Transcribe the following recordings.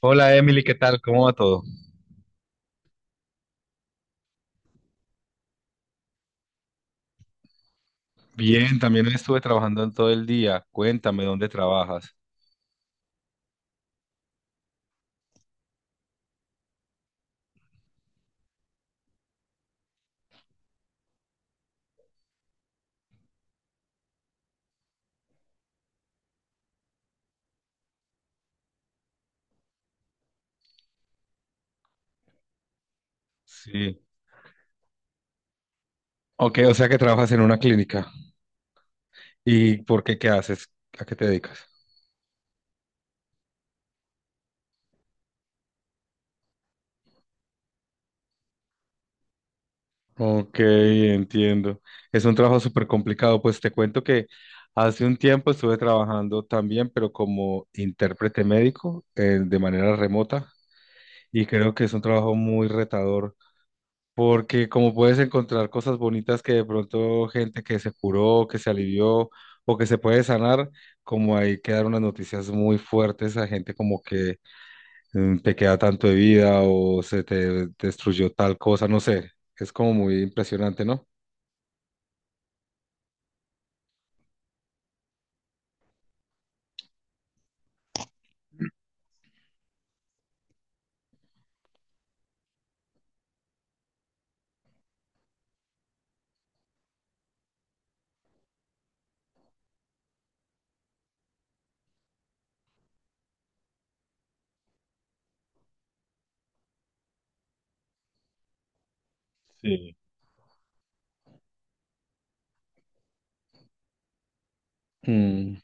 Hola Emily, ¿qué tal? ¿Cómo va todo? Bien, también estuve trabajando en todo el día. Cuéntame dónde trabajas. Sí. Ok, o sea que trabajas en una clínica. ¿Y por qué qué haces? ¿A qué te dedicas? Ok, entiendo. Es un trabajo súper complicado. Pues te cuento que hace un tiempo estuve trabajando también, pero como intérprete médico, de manera remota, y creo que es un trabajo muy retador. Porque como puedes encontrar cosas bonitas que de pronto gente que se curó, que se alivió o que se puede sanar, como hay que dar unas noticias muy fuertes a gente como que te queda tanto de vida o se te destruyó tal cosa, no sé, es como muy impresionante, ¿no? Sí. Mm.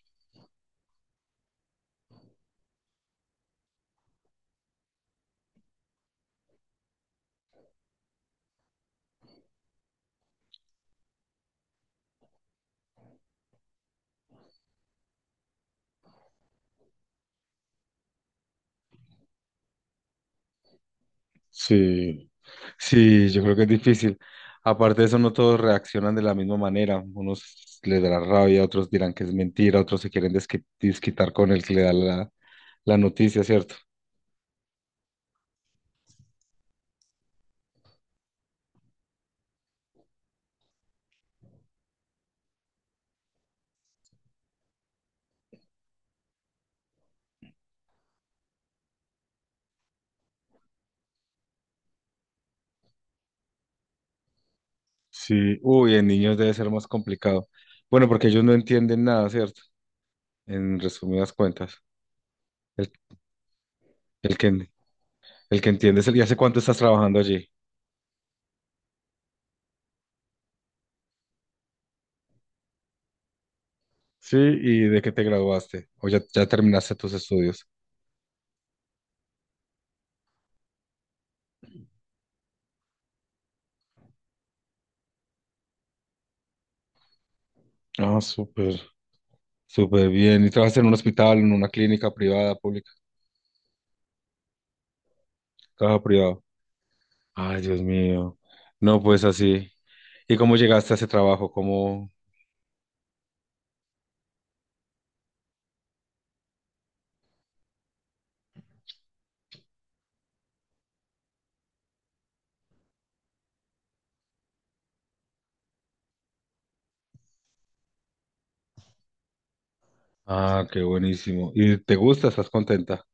Sí, sí, yo creo que es difícil. Aparte de eso, no todos reaccionan de la misma manera. Unos les dará rabia, otros dirán que es mentira, otros se quieren desquitar con el que le da la noticia, ¿cierto? Sí, uy, en niños debe ser más complicado. Bueno, porque ellos no entienden nada, ¿cierto? En resumidas cuentas, el, el que, el que entiende es el, ¿y hace cuánto estás trabajando allí? Sí, ¿y de qué te graduaste? ¿O ya terminaste tus estudios? Ah, súper, súper bien. ¿Y trabajas en un hospital, en una clínica privada, pública? Trabajo privado. Ay, Dios mío. No, pues así. ¿Y cómo llegaste a ese trabajo? ¿Cómo? Ah, qué buenísimo. ¿Y te gusta? ¿Estás contenta?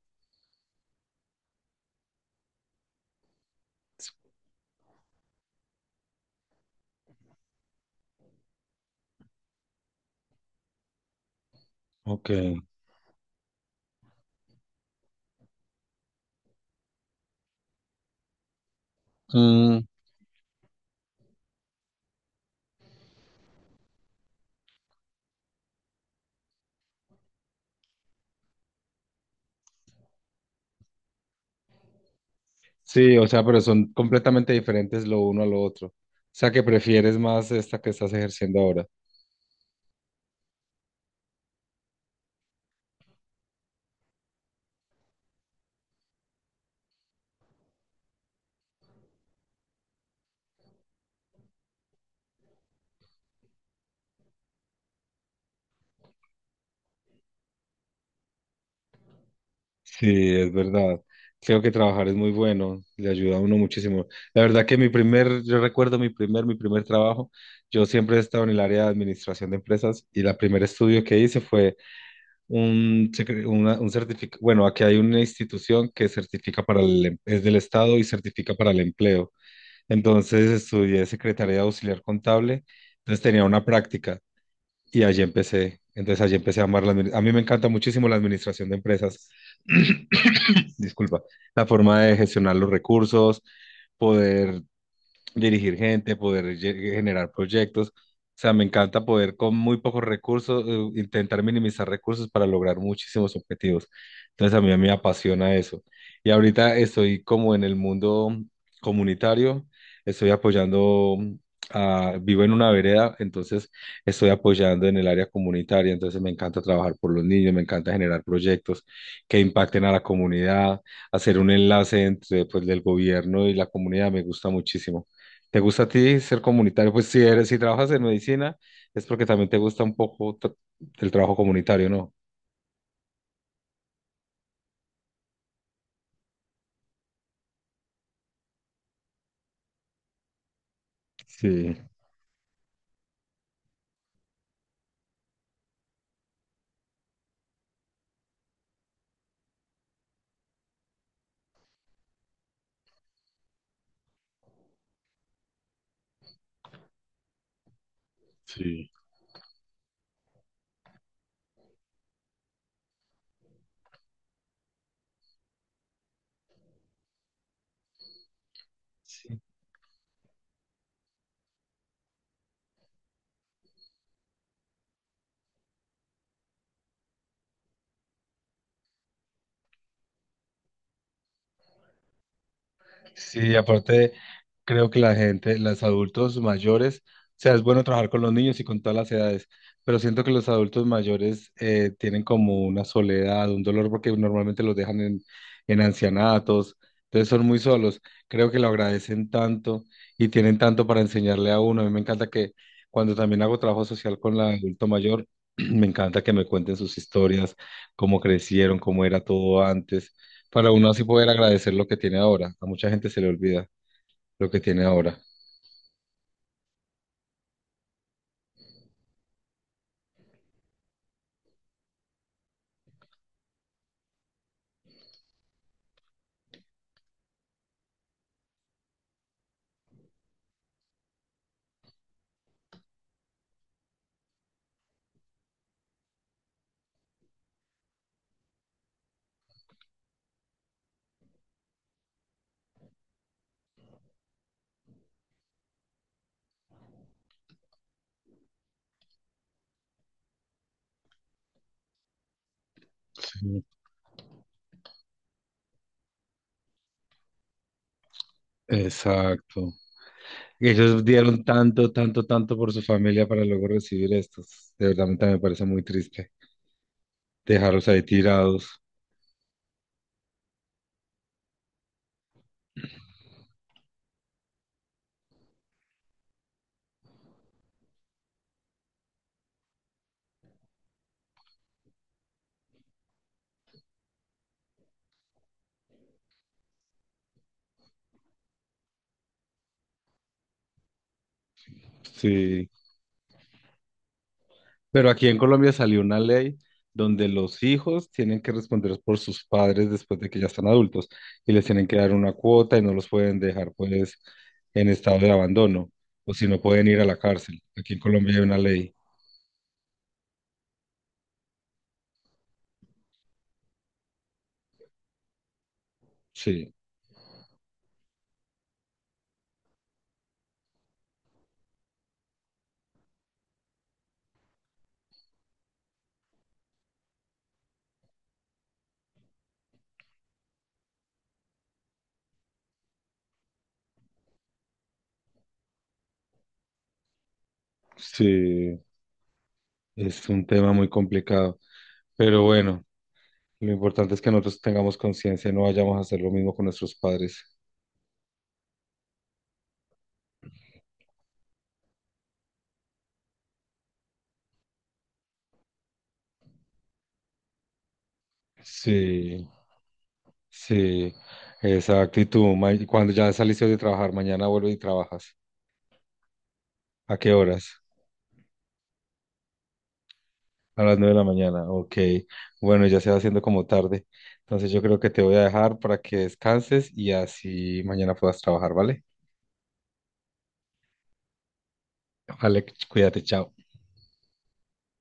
Ok. Mm. Sí, o sea, pero son completamente diferentes lo uno a lo otro. O sea, que prefieres más esta que estás ejerciendo ahora. Sí, es verdad. Creo que trabajar es muy bueno, le ayuda a uno muchísimo. La verdad que yo recuerdo mi primer trabajo, yo siempre he estado en el área de administración de empresas y la primer estudio que hice fue un certificado, bueno, aquí hay una institución que certifica para es del Estado y certifica para el empleo. Entonces estudié Secretaría Auxiliar Contable, entonces tenía una práctica. Y allí empecé. Entonces allí empecé. A mí me encanta muchísimo la administración de empresas. Disculpa. La forma de gestionar los recursos, poder dirigir gente, poder generar proyectos. O sea, me encanta poder con muy pocos recursos, intentar minimizar recursos para lograr muchísimos objetivos. Entonces a mí me apasiona eso. Y ahorita estoy como en el mundo comunitario, estoy vivo en una vereda, entonces estoy apoyando en el área comunitaria, entonces me encanta trabajar por los niños, me encanta generar proyectos que impacten a la comunidad, hacer un enlace entre pues del gobierno y la comunidad, me gusta muchísimo. ¿Te gusta a ti ser comunitario? Pues si eres, si trabajas en medicina, es porque también te gusta un poco el trabajo comunitario, ¿no? Sí. Sí, sí. Sí, aparte creo que la gente, los adultos mayores, o sea, es bueno trabajar con los niños y con todas las edades, pero siento que los adultos mayores tienen como una soledad, un dolor, porque normalmente los dejan en ancianatos, entonces son muy solos. Creo que lo agradecen tanto y tienen tanto para enseñarle a uno. A mí me encanta que cuando también hago trabajo social con la adulto mayor, me encanta que me cuenten sus historias, cómo crecieron, cómo era todo antes para uno así poder agradecer lo que tiene ahora. A mucha gente se le olvida lo que tiene ahora. Sí. Exacto. Ellos dieron tanto, tanto, tanto por su familia para luego recibir estos. De verdad, a mí también me parece muy triste dejarlos ahí tirados. Sí. Pero aquí en Colombia salió una ley donde los hijos tienen que responder por sus padres después de que ya están adultos y les tienen que dar una cuota y no los pueden dejar pues en estado de abandono o si no pueden ir a la cárcel. Aquí en Colombia hay una ley. Sí. Sí, es un tema muy complicado, pero bueno, lo importante es que nosotros tengamos conciencia y no vayamos a hacer lo mismo con nuestros padres. Sí, sí, exacto. Y tú, y cuando ya saliste de trabajar, mañana vuelves y trabajas. ¿A qué horas? A las 9 de la mañana. Ok. Bueno, ya se va haciendo como tarde. Entonces yo creo que te voy a dejar para que descanses y así mañana puedas trabajar, ¿vale? Vale, cuídate, chao.